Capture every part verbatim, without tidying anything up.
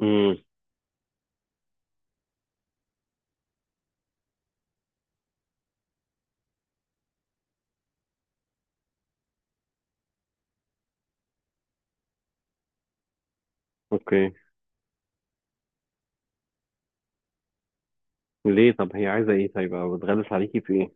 امم اوكي، ليه طب هي عايزه ايه؟ طيب او بتغلس عليكي في ايه؟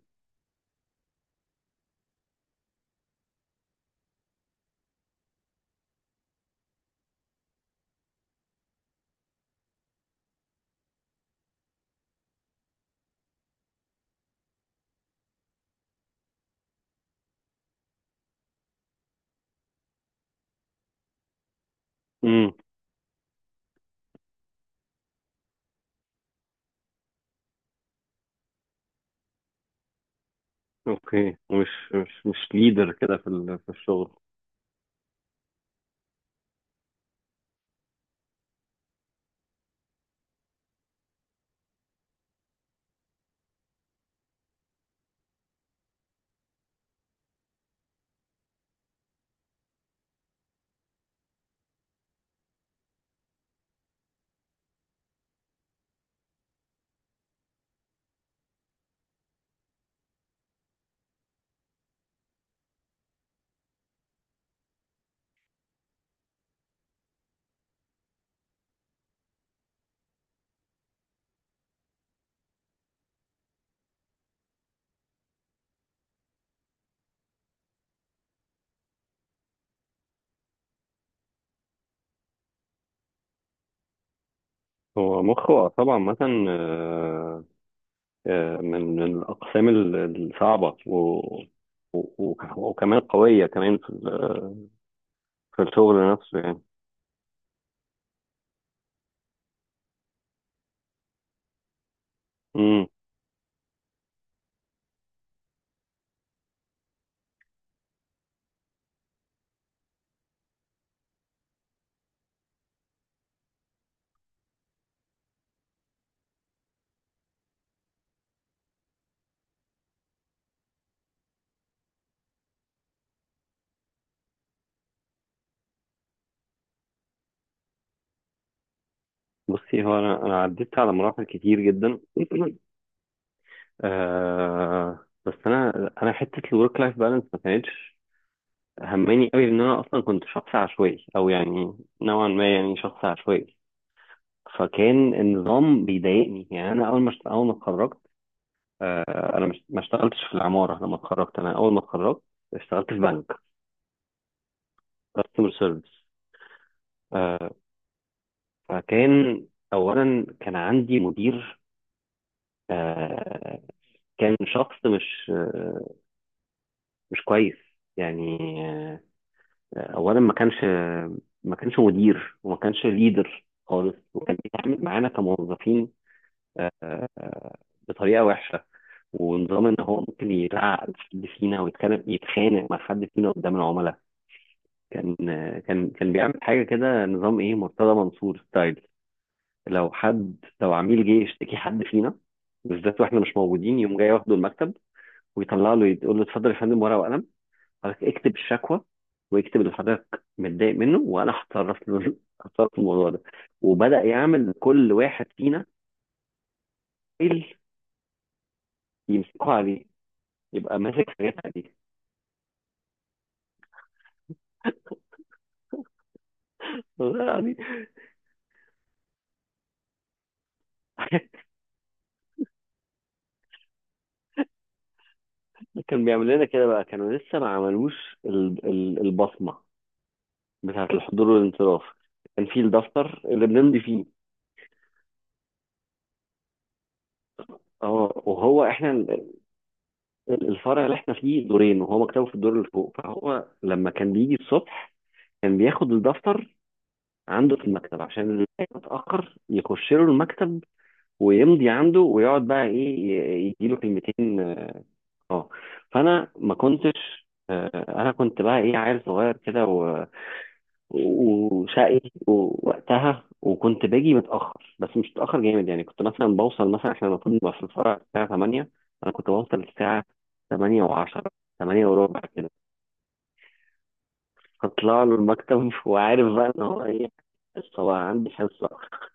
امم اوكي، مش مش مش ليدر كده في ال- في الشغل. هو مخه طبعا مثلا، آه، آه، من من الاقسام ال- الصعبه و و- وك- وكمان قويه كمان في ال- في الشغل نفسه يعني. امم بصي، هو انا انا عديت على مراحل كتير جدا آه بس انا انا حته الورك لايف بالانس ما كانتش همني قوي، ان انا اصلا كنت شخص عشوائي او يعني نوعا ما يعني شخص عشوائي. فكان النظام بيضايقني، يعني انا اول ما اشت- اول ما اتخرجت، آه، انا مش، ما اشتغلتش في العماره لما اتخرجت. انا اول ما اتخرجت اشتغلت في بنك كاستمر سيرفيس. فكان اولا كان عندي مدير، آه، كان شخص مش، آه، مش كويس يعني. آه، اولا ما كانش ما كانش مدير، وما كانش ليدر خالص، وكان بيتعامل معانا كموظفين، آه، بطريقه وحشه. ونظام ان هو ممكن يزعق لحد فينا ويتكلم، يتخانق مع حد فينا قدام العملاء. كان، آه، كان كان بيعمل حاجه كده، نظام ايه، مرتضى منصور ستايل. لو حد، لو عميل جه يشتكي حد فينا بالذات واحنا مش موجودين، يقوم جاي واخده المكتب ويطلع له، يقول له اتفضل يا فندم ورقه وقلم، حضرتك اكتب الشكوى، واكتب اللي حضرتك متضايق منه وانا هتصرف له هتصرف في الموضوع ده. وبدأ يعمل كل واحد فينا فايل يمسكه عليه، يبقى ماسك حاجات عليه. والله يعني. كان بيعمل لنا كده بقى. كانوا لسه ما عملوش ال- ال- البصمة بتاعة الحضور والانصراف، كان في الدفتر اللي بنمضي فيه. اه، وهو احنا ال- الفرع اللي احنا فيه دورين، وهو مكتبه في الدور اللي فوق، فهو لما كان بيجي الصبح كان بياخد الدفتر عنده في المكتب، عشان اللي اتأخر يخش له المكتب ويمضي عنده، ويقعد بقى ايه ي- يديله كلمتين. اه. آه. فانا ما كنتش، آه، انا كنت بقى ايه، عيل صغير كده وشقي. ووقتها وكنت باجي متأخر، بس مش متأخر جامد يعني. كنت مثلا بوصل مثلا، احنا المفروض نبقى في الفرع الساعة تمانية، انا كنت بوصل الساعة ثمانية و10، تمانية وربع كده. اطلع له المكتب وعارف بقى ان هو ايه، هو عندي حصة.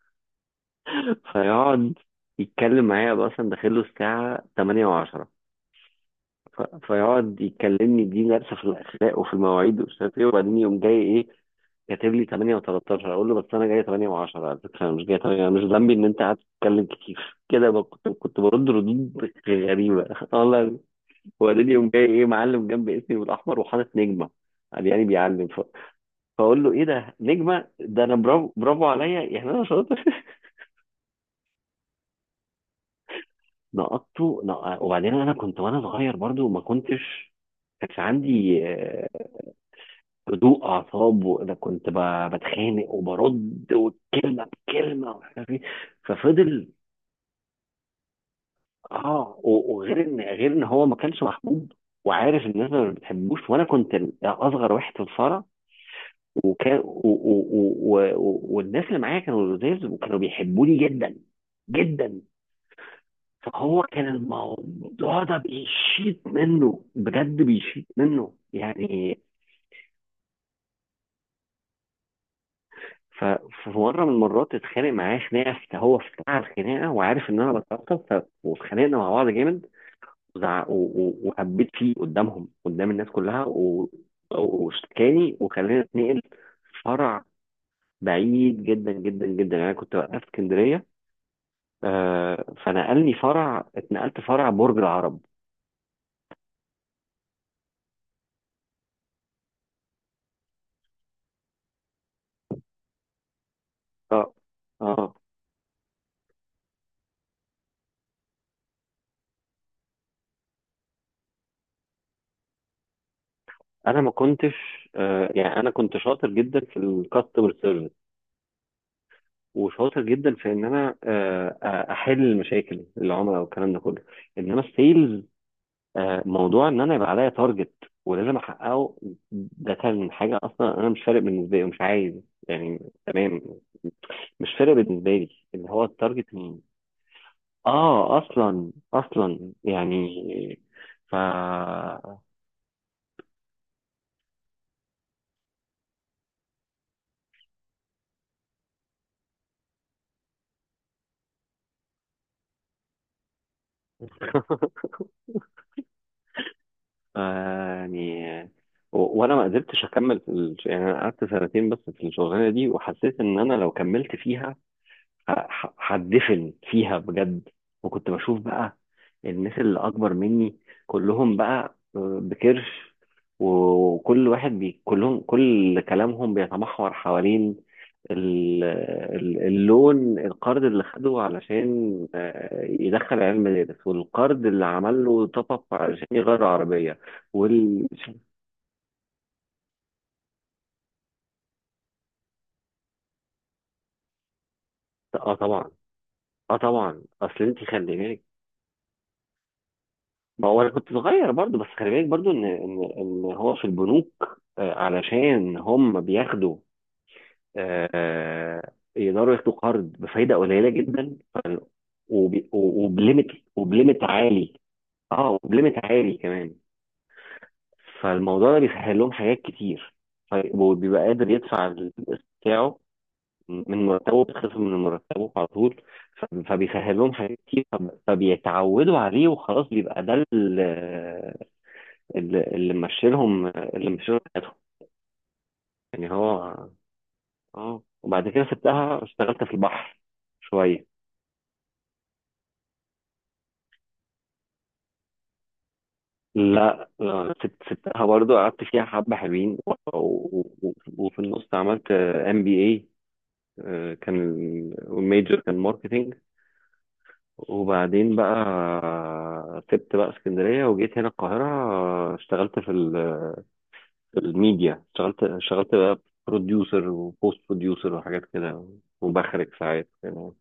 فيقعد يتكلم معايا بقى، مثلا داخل له الساعة تمانية و10، فيقعد يكلمني دي درس في الأخلاق وفي المواعيد ومش عارف ايه، وبعدين يقوم جاي ايه، كاتب لي الثامنة و13. اقول له بس انا جاي تمانية و10 على فكره، انا مش جاي تمانية، انا مش ذنبي ان انت قعدت تتكلم كتير. كده بقى، كنت كنت برد ردود غريبه والله. وبعدين يوم جاي ايه، معلم جنب اسمي بالاحمر وحاطط نجمه، قال يعني بيعلم ف... فاقول له ايه ده، نجمه ده؟ انا برافو، برافو عليا يعني انا شاطر. نقطته نق... وبعدين انا كنت وانا صغير برضو ما كنتش، كانش عندي، آه، هدوء اعصاب. وانا كنت ب- بتخانق وبرد، والكلمه بكلمه ومش عارف ايه. ففضل، اه، و- وغير ان غير ان هو ما كانش محبوب، وعارف ان الناس ما بتحبوش. وانا كنت اصغر واحد في الفرع، وكان و... و... و... و... والناس اللي معايا كانوا لزاز وكانوا بيحبوني جدا جدا. فهو كان الموضوع ده بيشيط منه بجد، بيشيط منه يعني. ف- ففي مره من المرات اتخانق معاه خناقه، فت- هو في بتاع الخناقه وعارف ان انا بتعصب، ف- واتخانقنا مع بعض جامد. وزع- و- و- وهبيت فيه قدامهم، قدام الناس كلها، و، واشتكاني وخلاني اتنقل فرع بعيد جدا جدا جدا. يعني انا كنت وقتها في اسكندريه، آه فنقلني فرع، اتنقلت فرع برج العرب. اه. اه، انا ما كنتش، آه يعني انا كنت شاطر جدا في الكاستمر سيرفيس، وشاطر جدا في ان انا، آه آه، احل المشاكل العملاء والكلام ده كله. انما السيلز، آه، موضوع ان انا يبقى عليا تارجت ولازم احققه، ده كان حاجه اصلا انا مش فارق بالنسبه لي ومش عايز يعني. تمام، مش فارق بالنسبه لي، اللي هو التارجت مين. اه اصلا، اصلا يعني. ف ف- يعني و- وانا ما قدرتش اكمل في ال... يعني انا قعدت سنتين بس في الشغلانه دي، وحسيت ان انا لو كملت فيها ه- هتدفن فيها بجد. وكنت بشوف بقى الناس اللي اكبر مني كلهم بقى، آه، بكرش، وكل واحد بي، كلهم كل كلامهم بيتمحور حوالين ال- ال- اللون، القرض اللي خده علشان، آه، يدخل عيال مدارس، والقرض اللي عمل له توب اب علشان يغير عربية. وال، اه طبعا. اه طبعا، اصل انت خلي بالك، ما هو انا كنت صغير برضو، بس خلي بالك برضو ان ان ان هو في البنوك، آه، علشان هم بياخدوا، آه، يقدروا ياخدوا قرض بفايده قليله جدا. ف- وب- وبليمت، وبليمت عالي. اه وبليمت عالي كمان. فالموضوع ده بيسهل لهم حاجات كتير، ف- وبيبقى قادر يدفع القسط بتاعه، من مرتبه بيتخصم من مرتبه على طول. ف- فبيسهل لهم حاجات كتير، فب- فبيتعودوا عليه وخلاص، بيبقى ده اللي، اللي مشيلهم اللي مشيلهم حياتهم يعني. هو اه، وبعد كده سبتها اشتغلت في البحر شوية. لا لا، سبت، سبتها برضو، قعدت فيها حبة حلوين و- و- و- وفي النص عملت ام بي اي. كان الميجر كان ماركتينج. وبعدين بقى سبت بقى اسكندرية وجيت هنا القاهرة، آه، اشتغلت في ال- في الميديا. اشتغلت اشتغلت بقى بروديوسر وبوست بروديوسر وحاجات كده، وبخرج ساعات كده.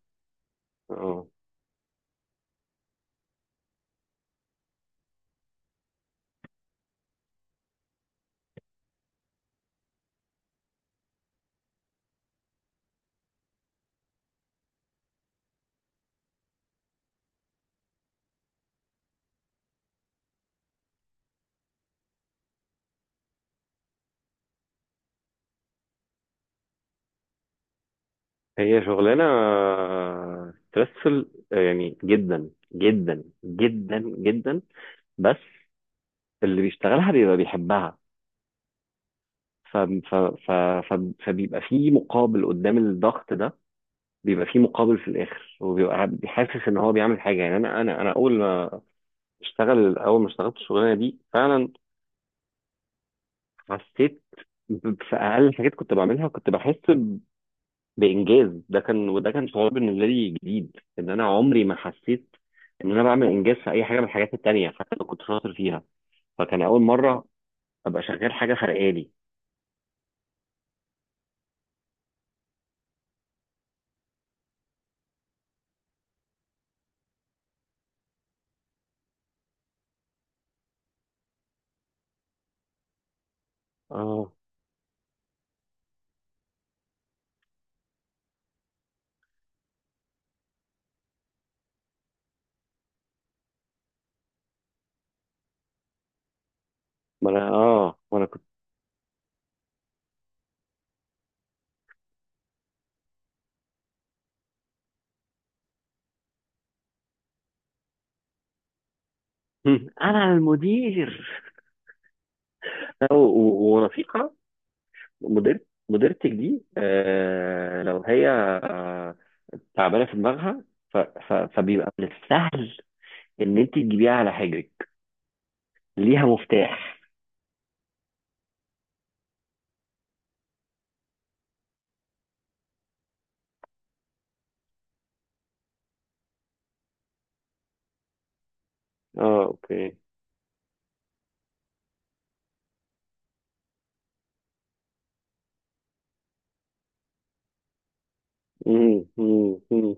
آه. هي شغلانة ستريسفل يعني، جدا جدا جدا جدا. بس اللي بيشتغلها بيبقى بيحبها. ف... ف... ف... ف... فبيبقى في مقابل قدام الضغط ده، بيبقى في مقابل في الآخر، وبيبقى حاسس إن هو بيعمل حاجة. يعني أنا أنا أنا أول ما اشتغل أول ما اشتغلت الشغلانة دي فعلا حسيت ب- في أقل حاجات كنت بعملها كنت بحس بانجاز. ده كان، وده كان شعور بالنسبه لي جديد، ان انا عمري ما حسيت ان انا بعمل انجاز في اي حاجه من الحاجات التانيه حتى لو كنت شاطر فيها. فكان اول مره ابقى شغال حاجه فرقالي. اه، ما انا اه ما انا كنت انا المدير و- و- ورفيقه. مدير مديرتك دي، آه، لو هي آه تعبانه في دماغها، ف- ف- فبيبقى من السهل ان انت تجيبيها على حجرك، ليها مفتاح. اه. اوكي. مم، مم، مم.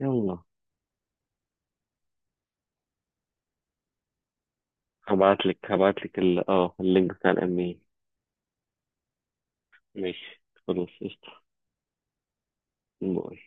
يلا، هبعت لك هبعت لك ال... اه اللينك بتاع الأمين. ماشي خلاص قشطة. باي.